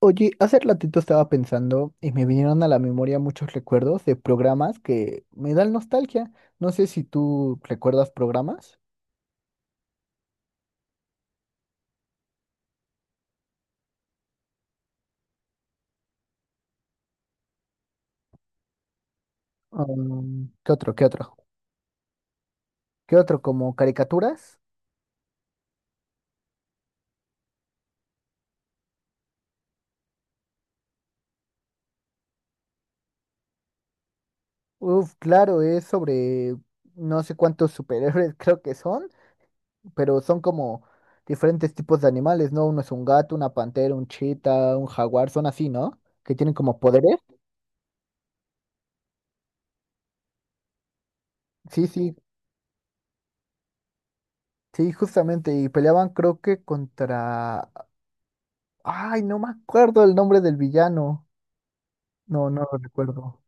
Oye, hace ratito estaba pensando y me vinieron a la memoria muchos recuerdos de programas que me dan nostalgia. No sé si tú recuerdas programas. ¿Qué otro? ¿Qué otro? ¿Qué otro? ¿Como caricaturas? Uf, claro, es sobre no sé cuántos superhéroes creo que son, pero son como diferentes tipos de animales, ¿no? Uno es un gato, una pantera, un chita, un jaguar, son así, ¿no? Que tienen como poderes. Sí, sí, sí, justamente. Y peleaban creo que contra. Ay, no me acuerdo el nombre del villano. No, no lo recuerdo.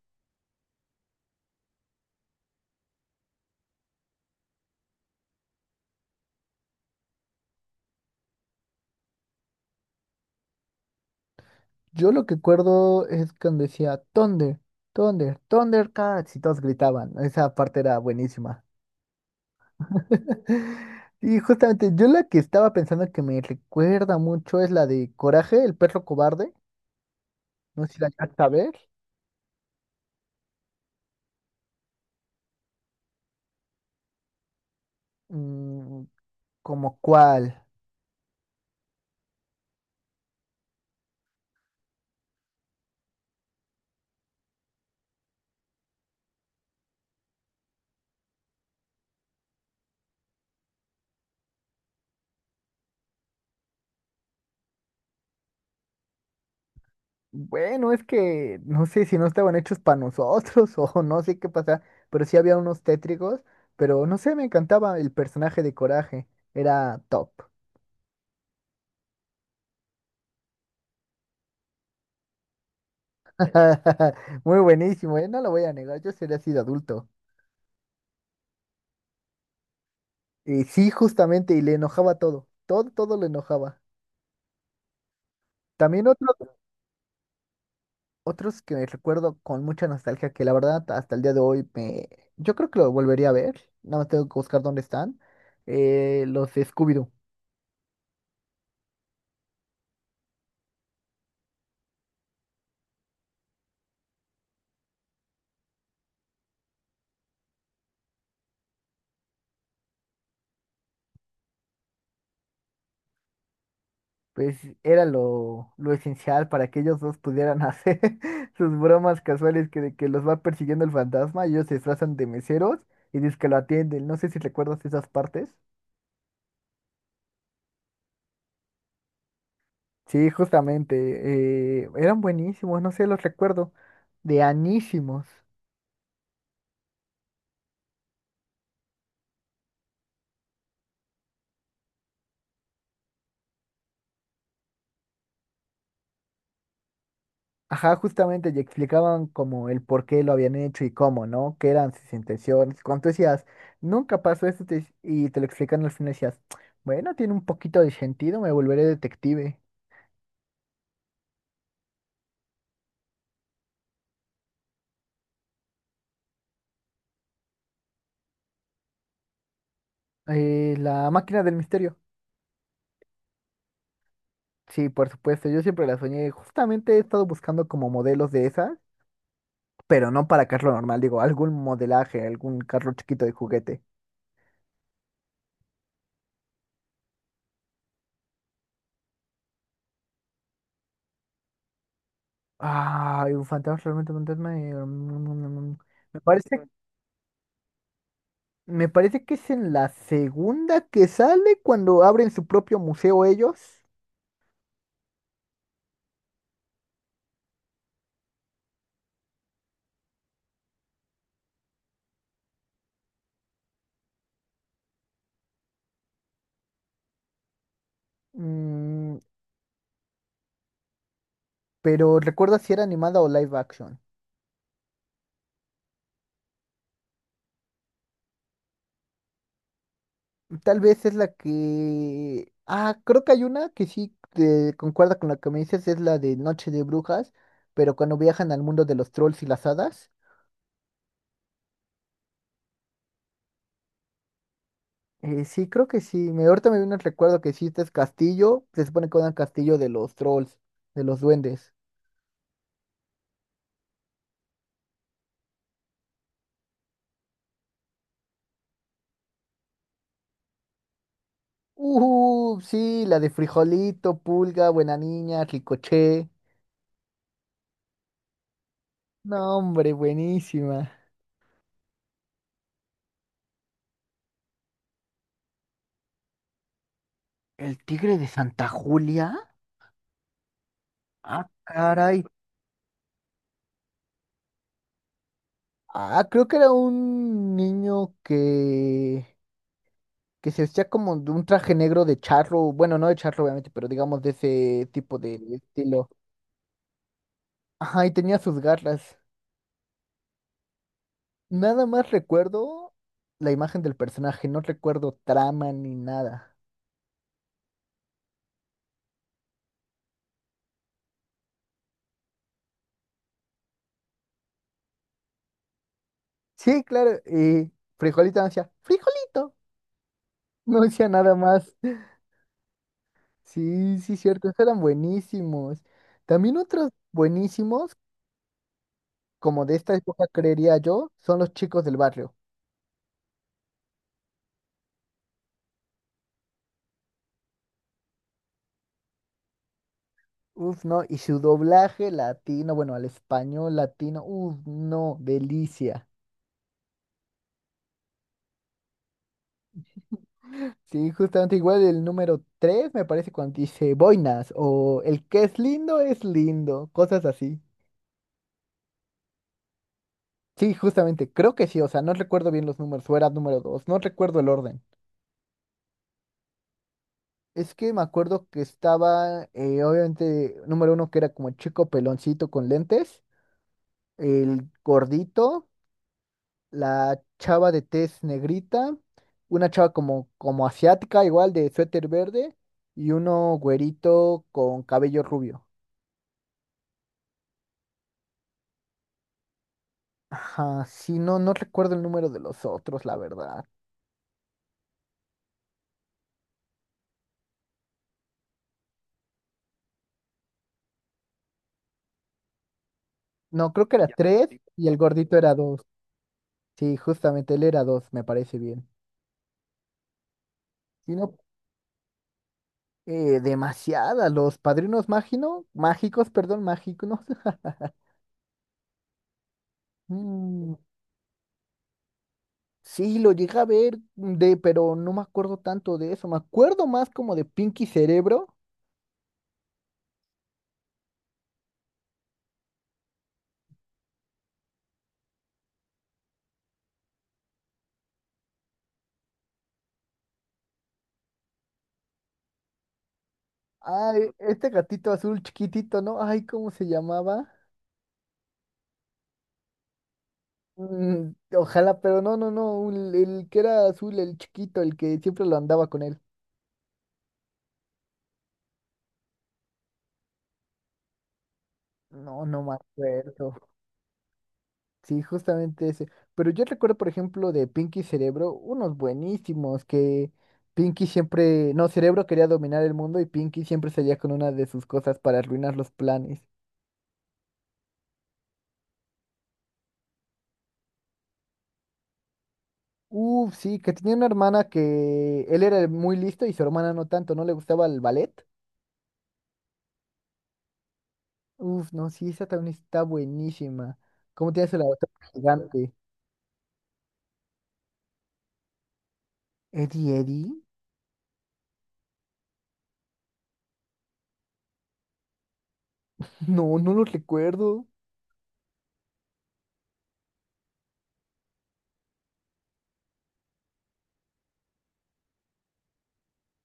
Yo lo que recuerdo es cuando decía Thunder, Thunder, Thundercats y todos gritaban. Esa parte era buenísima. Y justamente yo la que estaba pensando que me recuerda mucho es la de Coraje, el perro cobarde. No sé si la llegaste a ver. Mm, ¿Como cuál? Bueno, es que no sé si no estaban hechos para nosotros o no sé qué pasa, pero sí había unos tétricos, pero no sé, me encantaba el personaje de Coraje, era top. Muy buenísimo, ¿eh? No lo voy a negar, yo sería así de adulto. Y sí, justamente, y le enojaba todo, todo, todo le enojaba. También otros que recuerdo con mucha nostalgia, que la verdad hasta el día de hoy me... Yo creo que lo volvería a ver, nada más tengo que buscar dónde están, los de Scooby-Doo. Pues era lo esencial para que ellos dos pudieran hacer sus bromas casuales que, de que los va persiguiendo el fantasma y ellos se disfrazan de meseros y dicen que lo atienden. No sé si recuerdas esas partes. Sí, justamente, eran buenísimos, no sé, los recuerdo, de anísimos. Ajá, justamente, y explicaban como el por qué lo habían hecho y cómo, ¿no? Qué eran sus intenciones. Cuando tú decías, nunca pasó esto, y te lo explican al final, decías, bueno, tiene un poquito de sentido, me volveré detective. La máquina del misterio. Sí, por supuesto, yo siempre la soñé. Justamente he estado buscando como modelos de esas, pero no para carro normal, digo, algún modelaje, algún carro chiquito de juguete. Ah, un fantasma, realmente un fantasma. Me parece, me parece que es en la segunda que sale cuando abren su propio museo ellos. Mm, pero recuerda si era animada o live action. Tal vez es la que... Ah, creo que hay una que sí te concuerda con la que me dices, es la de Noche de Brujas, pero cuando viajan al mundo de los trolls y las hadas. Sí, creo que sí. Ahorita me viene el recuerdo que sí, este es castillo, se supone que era un castillo de los trolls, de los duendes. Sí, la de Frijolito, Pulga, Buena Niña, Ricoché. No, hombre, buenísima. ¿El tigre de Santa Julia? Ah, caray. Ah, creo que era un niño que se vestía como de un traje negro de charro, bueno, no de charro obviamente, pero digamos de ese tipo de estilo. Ajá, y tenía sus garras. Nada más recuerdo la imagen del personaje, no recuerdo trama ni nada. Sí, claro, y Frijolito no decía, Frijolito, no decía nada más. Sí, sí, cierto, esos eran buenísimos. También otros buenísimos, como de esta época creería yo, son los chicos del barrio. Uf, no, y su doblaje latino, bueno, al español latino, uf, no, delicia. Sí, justamente igual el número 3 me parece cuando dice boinas o el que es lindo, cosas así. Sí, justamente, creo que sí, o sea, no recuerdo bien los números, o era número 2 no recuerdo el orden. Es que me acuerdo que estaba, obviamente, número uno que era como el chico peloncito con lentes, el gordito, la chava de tez negrita, una chava como, como asiática, igual de suéter verde, y uno güerito con cabello rubio. Ajá, sí, no, no recuerdo el número de los otros, la verdad. No, creo que era tres sí, y el gordito era dos. Sí, justamente él era dos, me parece bien. Sí, no, demasiada, los padrinos mágicos, perdón, mágicos Mm, sí, lo llegué a ver de, pero no me acuerdo tanto de eso. Me acuerdo más como de Pinky Cerebro. Ay, este gatito azul chiquitito, ¿no? Ay, ¿cómo se llamaba? Mm, Ojalá, pero no, no, no, el que era azul, el chiquito, el que siempre lo andaba con él. No, no me acuerdo. Sí, justamente ese. Pero yo recuerdo, por ejemplo, de Pinky Cerebro, unos buenísimos que Pinky siempre, no, Cerebro quería dominar el mundo y Pinky siempre salía con una de sus cosas para arruinar los planes. Uf, sí, que tenía una hermana que él era muy listo y su hermana no tanto, no le gustaba el ballet. Uf, no, sí, esa también está buenísima. ¿Cómo tienes la otra gigante? ¿Eddie Eddie? No, no los recuerdo.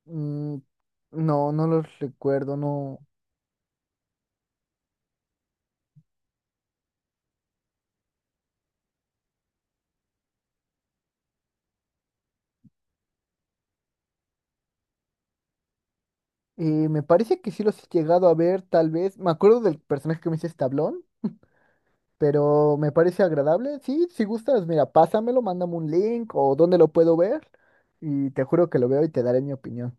Mm, no, no los recuerdo, no. Me parece que sí los he llegado a ver, tal vez. Me acuerdo del personaje que me dice Tablón, pero me parece agradable. Sí, si gustas, mira, pásamelo, mándame un link o dónde lo puedo ver. Y te juro que lo veo y te daré mi opinión.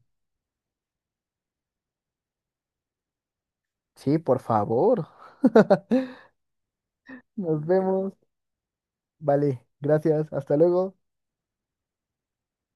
Sí, por favor. Nos vemos. Vale, gracias. Hasta luego.